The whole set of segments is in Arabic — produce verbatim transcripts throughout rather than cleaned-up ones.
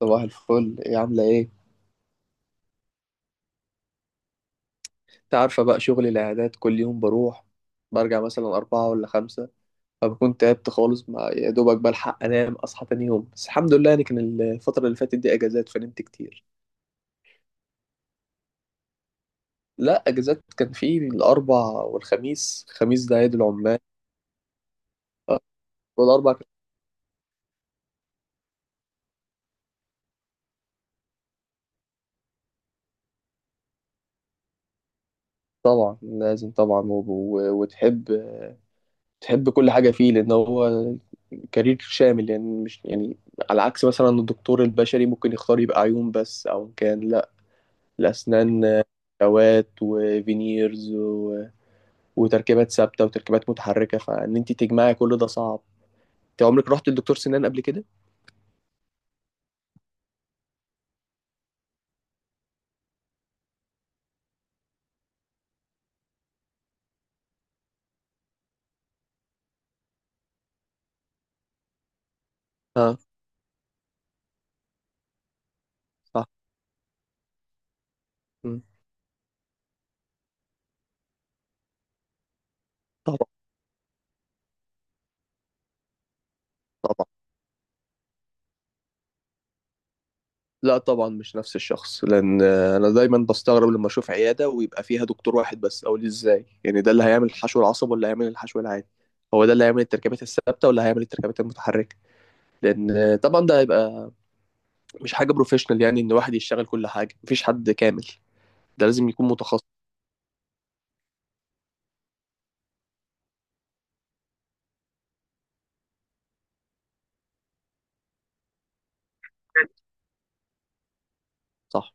صباح الفل، ايه؟ عاملة ايه؟ انت عارفة بقى شغل الإعداد كل يوم بروح برجع مثلا أربعة ولا خمسة. فبكون تعبت خالص، مع يا دوبك بلحق أنام أصحى تاني يوم، بس الحمد لله يعني كان الفترة اللي فاتت دي أجازات فنمت كتير. لا، أجازات كان في الأربع والخميس، الخميس ده عيد العمال. آه، والأربع كان- طبعا لازم طبعا، و- و- وتحب تحب كل حاجة فيه، لأن هو كارير شامل يعني، مش يعني على عكس مثلا الدكتور البشري ممكن يختار يبقى عيون بس، أو كان لا، الأسنان، أدوات وفينيرز و... وتركيبات ثابتة وتركيبات متحركة، فإن أنت تجمعي كل ده صعب. أنت عمرك رحت لدكتور سنان قبل كده؟ اه. صح. مم. طبعا. طبعا. لا طبعا مش نفس الشخص، لأن آه، أنا دايما بستغرب لما أشوف عيادة ويبقى فيها دكتور واحد بس، أقول إزاي؟ يعني ده اللي هيعمل الحشو العصب ولا هيعمل الحشو العادي؟ هو ده اللي هيعمل التركيبات الثابتة ولا هيعمل التركيبات المتحركة؟ لأن آه، طبعا ده هيبقى مش حاجة بروفيشنال، يعني إن واحد يشتغل كل حاجة مفيش حد كامل، ده لازم يكون متخصص. صح.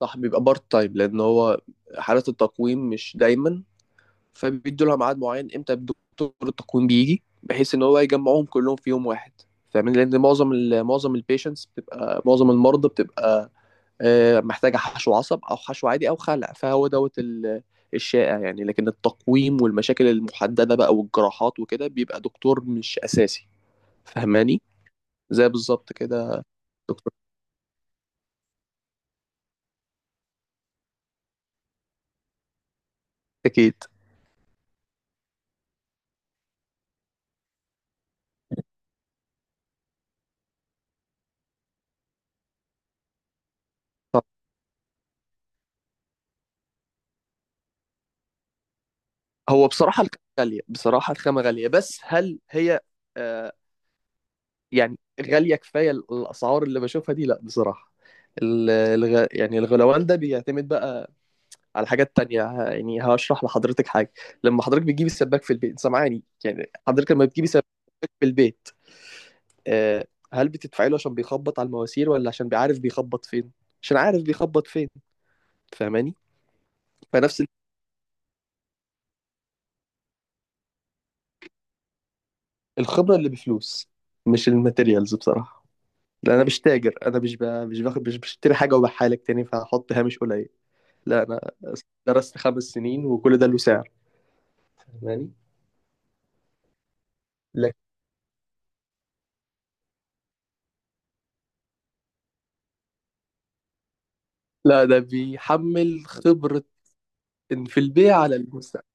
صح بيبقى بارت تايم، لان هو حالة التقويم مش دايما، فبيدوا لها ميعاد معين امتى دكتور التقويم بيجي بحيث ان هو يجمعهم كلهم في يوم واحد، فاهمين. لان معظم ال معظم البيشنتس بتبقى، معظم المرضى بتبقى آه، محتاجة حشو عصب او حشو عادي او خلع، فهو دوت ال- الشائع يعني. لكن التقويم والمشاكل المحددة بقى والجراحات وكده بيبقى دكتور مش اساسي، فاهماني. زي بالظبط كده. دكتور. اكيد. هو بصراحة الخامة غالية، بصراحة الخامة غالية، بس هل هي آه يعني غالية كفاية؟ ال- الأسعار اللي بشوفها دي لا بصراحة، ال- الغ... يعني الغلوان ده بيعتمد بقى على حاجات تانية. ه- يعني هشرح لحضرتك حاجة. لما حضرتك بتجيبي السباك في البيت، سامعاني؟ يعني حضرتك لما بتجيبي سباك في البيت، آه، هل بتدفعي له عشان بيخبط على المواسير ولا عشان بيعرف بيخبط فين؟ عشان عارف بيخبط فين، فاهماني. فنفس الخبرة اللي بفلوس، مش الماتيريالز بصراحة. لا انا مش تاجر، انا مش ب... مش باخد مش بشتري حاجه وببيعها لك تاني فهحط هامش قليل. لا، انا درست خمس سنين وكل ده له سعر، فاهماني. لكن لا، ده بيحمل خبره، إن في البيع على المستقبل.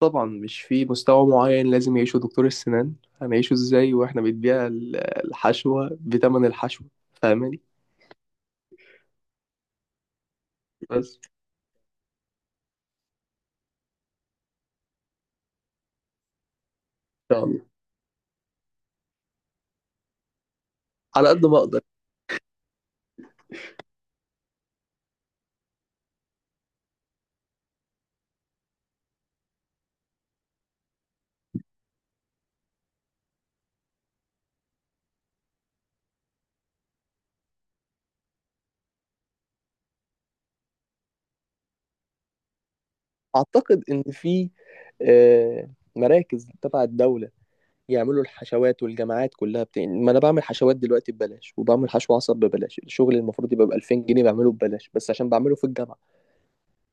طبعا مش في مستوى معين لازم يعيشه دكتور السنان، هنعيشه ازاي واحنا بنبيع ال- الحشوه بثمن الحشوه؟ فاهماني. بس ان شاء الله، على قد ما اقدر. اعتقد ان في آه، مراكز تبع الدوله يعملوا الحشوات، والجامعات كلها بت... ما انا بعمل حشوات دلوقتي ببلاش، وبعمل حشو عصب ببلاش، الشغل اللي المفروض يبقى ب ألفين جنيه بعمله ببلاش بس عشان بعمله في الجامعه.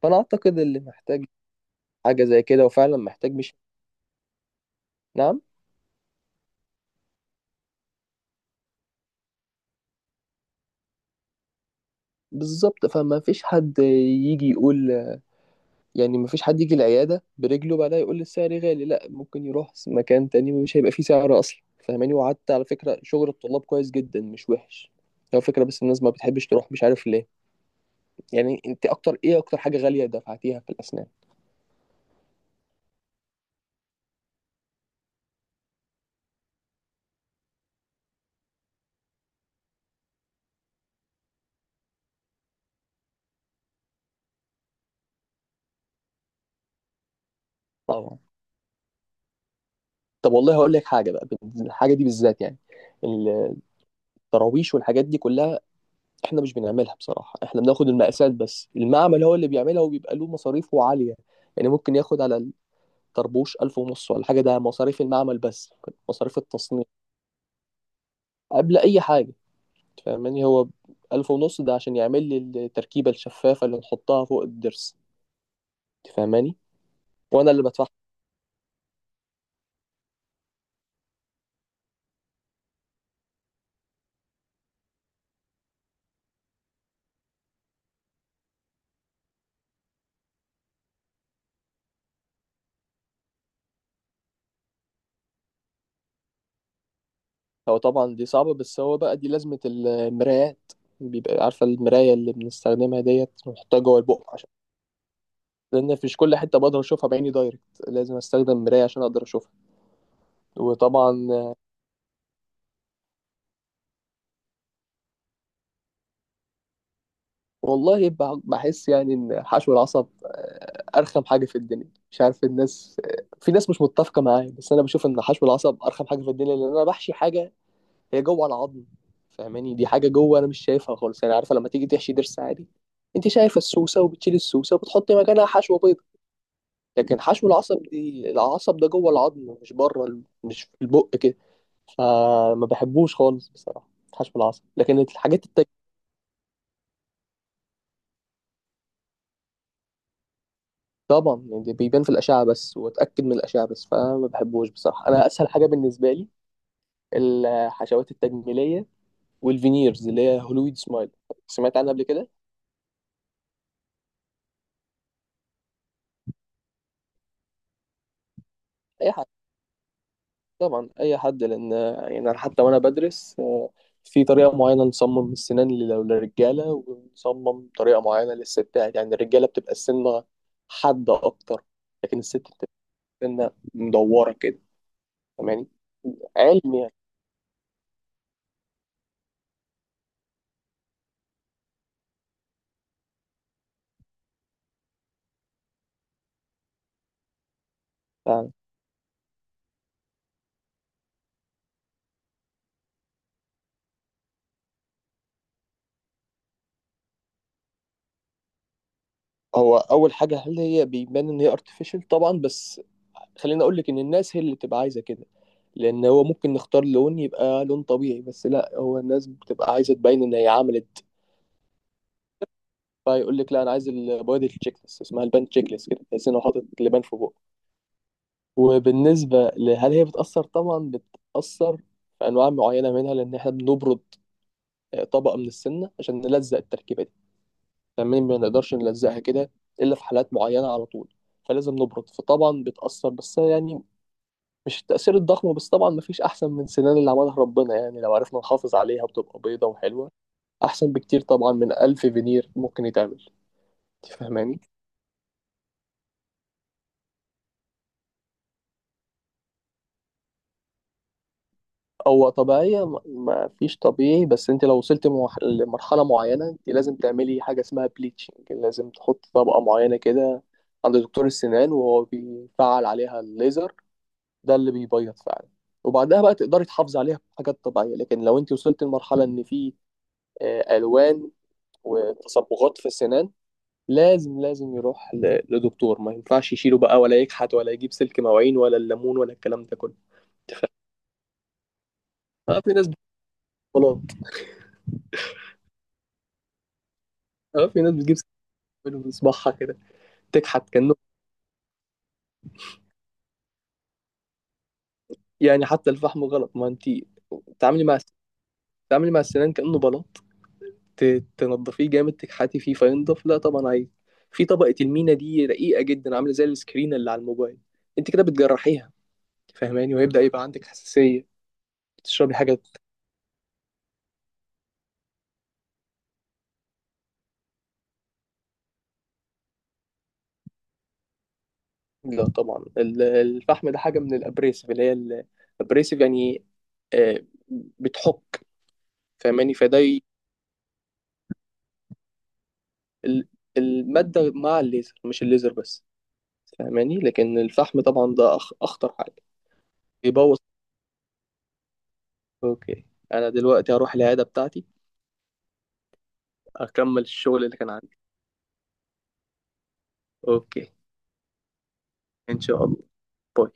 فانا اعتقد اللي محتاج حاجه زي كده وفعلا محتاج، مش. نعم. بالظبط، فما فيش حد يجي يقول، يعني ما فيش حد يجي العياده برجله بعدها يقول السعر غالي، لا ممكن يروح مكان تاني مش هيبقى فيه سعر اصلا، فاهماني. وقعدت على فكره شغل الطلاب كويس جدا مش وحش، هو فكره، بس الناس ما بتحبش تروح مش عارف ليه. يعني انت اكتر ايه، اكتر حاجه غاليه دفعتيها في الاسنان؟ طبعا. طب والله هقول لك حاجة بقى، بال- الحاجة دي بالذات، يعني التراويش والحاجات دي كلها احنا مش بنعملها بصراحة، احنا بناخد المقاسات بس، المعمل هو اللي بيعملها وبيبقى له مصاريفه عالية. يعني ممكن ياخد على الطربوش ألف ونص ولا حاجة، ده مصاريف المعمل بس، مصاريف التصنيع قبل أي حاجة، تفهماني؟ هو ألف ونص ده عشان يعمل لي التركيبة الشفافة اللي نحطها فوق الضرس، تفهماني؟ وأنا اللي بدفعها. هو طبعا دي صعبة، بس هو بقى دي لازمة المرايات. بيبقى عارفة المراية اللي بنستخدمها ديت ونحطها جوه البق عشان، لأن مش كل حتة بقدر أشوفها بعيني دايركت، لازم أستخدم مراية عشان أقدر أشوفها، وطبعا. والله بح- بحس يعني إن حشو العصب آه، أرخم حاجة في الدنيا، مش عارف، الناس آه، في ناس مش متفقة معايا، بس أنا بشوف إن حشو العصب أرخم حاجة في الدنيا، لأن أنا بحشي حاجة هي جوه العظم، فاهماني، دي حاجه جوه انا مش شايفها خالص. يعني عارفه لما تيجي تحشي ضرس عادي انت شايفه السوسه وبتشيل السوسه وبتحطي مكانها حشوه بيض، لكن حشو العصب دي العصب ده جوه العظم، مش بره ال- مش في البق كده، فما بحبوش خالص بصراحه حشو العصب. لكن الحاجات التانية طبعا، يعني دي بيبان في الاشعه بس، واتاكد من الاشعه بس، فما بحبوش بصراحه. انا اسهل حاجه بالنسبه لي الحشوات التجميليه والفينيرز اللي هي هولويد سمايل، سمعت عنها قبل كده؟ اي طبعا، اي حد، لان يعني أنا حتى وانا بدرس آه، في طريقه معينه نصمم السنان لل- للرجاله ونصمم طريقه معينه للستات. يعني الرجاله بتبقى السنه حاده اكتر، لكن الست بتبقى السنه مدوره كده، فاهماني، علم يعني. فعلا. هو اول حاجه هل هي بيبان ان هي ارتفيشال؟ طبعا. بس خليني اقول لك ان الناس هي اللي بتبقى عايزه كده، لان هو ممكن نختار لون يبقى لون طبيعي، بس لا، هو الناس بتبقى عايزه تبين ان هي عملت، فيقول لك لا انا عايز البوادي تشيك ليست، اسمها البان تشيك ليست، كده تحس انه حاطط لبان في بقه. وبالنسبه لهل هي بتاثر، طبعا بتاثر في انواع معينه منها، لان احنا بنبرد آه، طبقه من السمنه عشان نلزق التركيبه دي تمام، ما نقدرش نلزقها كده الا في حالات معينه على طول، فلازم نبرد، فطبعا بتاثر، بس يعني مش التأثير الضخم. بس طبعا مفيش أحسن من سنان اللي عملها ربنا، يعني لو عرفنا نحافظ عليها بتبقى بيضة وحلوة، أحسن بكتير طبعا من ألف فينير ممكن يتعمل، أنت فاهماني؟ هو طبيعية، م- ما فيش طبيعي، بس انت لو وصلت موح- لمرحلة معينة، انت لازم تعملي حاجة اسمها بليتشنج، لازم تحط طبقة معينة كده عند دكتور السنان وهو بيفعل عليها الليزر، ده اللي بيبيض فعلا، وبعدها بقى تقدري تحافظي عليها بحاجات طبيعية. لكن لو انت وصلت لمرحلة ان في آه، ألوان وتصبغات في السنان، لازم لازم يروح ل- لدكتور، ما ينفعش يشيله بقى، ولا يكحت، ولا يجيب سلك مواعين ولا الليمون ولا الكلام ده كله. اه في ناس بتجيب بلاط. اه في ناس بتجيب سلك مواعين في صباعها كده تكحت كأنه، يعني حتى الفحم غلط، ما انت تعاملي مع، تعاملي مع السنان كأنه بلاط، ت- تنضفيه جامد تكحتي فيه فينضف، لا طبعا عادي في طبقة المينا دي رقيقة جدا، عاملة زي السكرين اللي على الموبايل، انت كده بتجرحيها، فاهماني، وهيبدأ يبقى عندك حساسية تشربي حاجة. لا طبعا ال- الفحم ده حاجة من الأبريسيف، اللي هي الأبريسيف يعني آه، بتحك، فاهماني. فده ي- ال- المادة مع الليزر مش الليزر بس، فاهماني. لكن الفحم طبعا ده أخ- أخطر حاجة، يبوظ. اوكي، انا دلوقتي هروح العياده بتاعتي اكمل الشغل اللي كان عندي. اوكي، ان شاء الله. باي.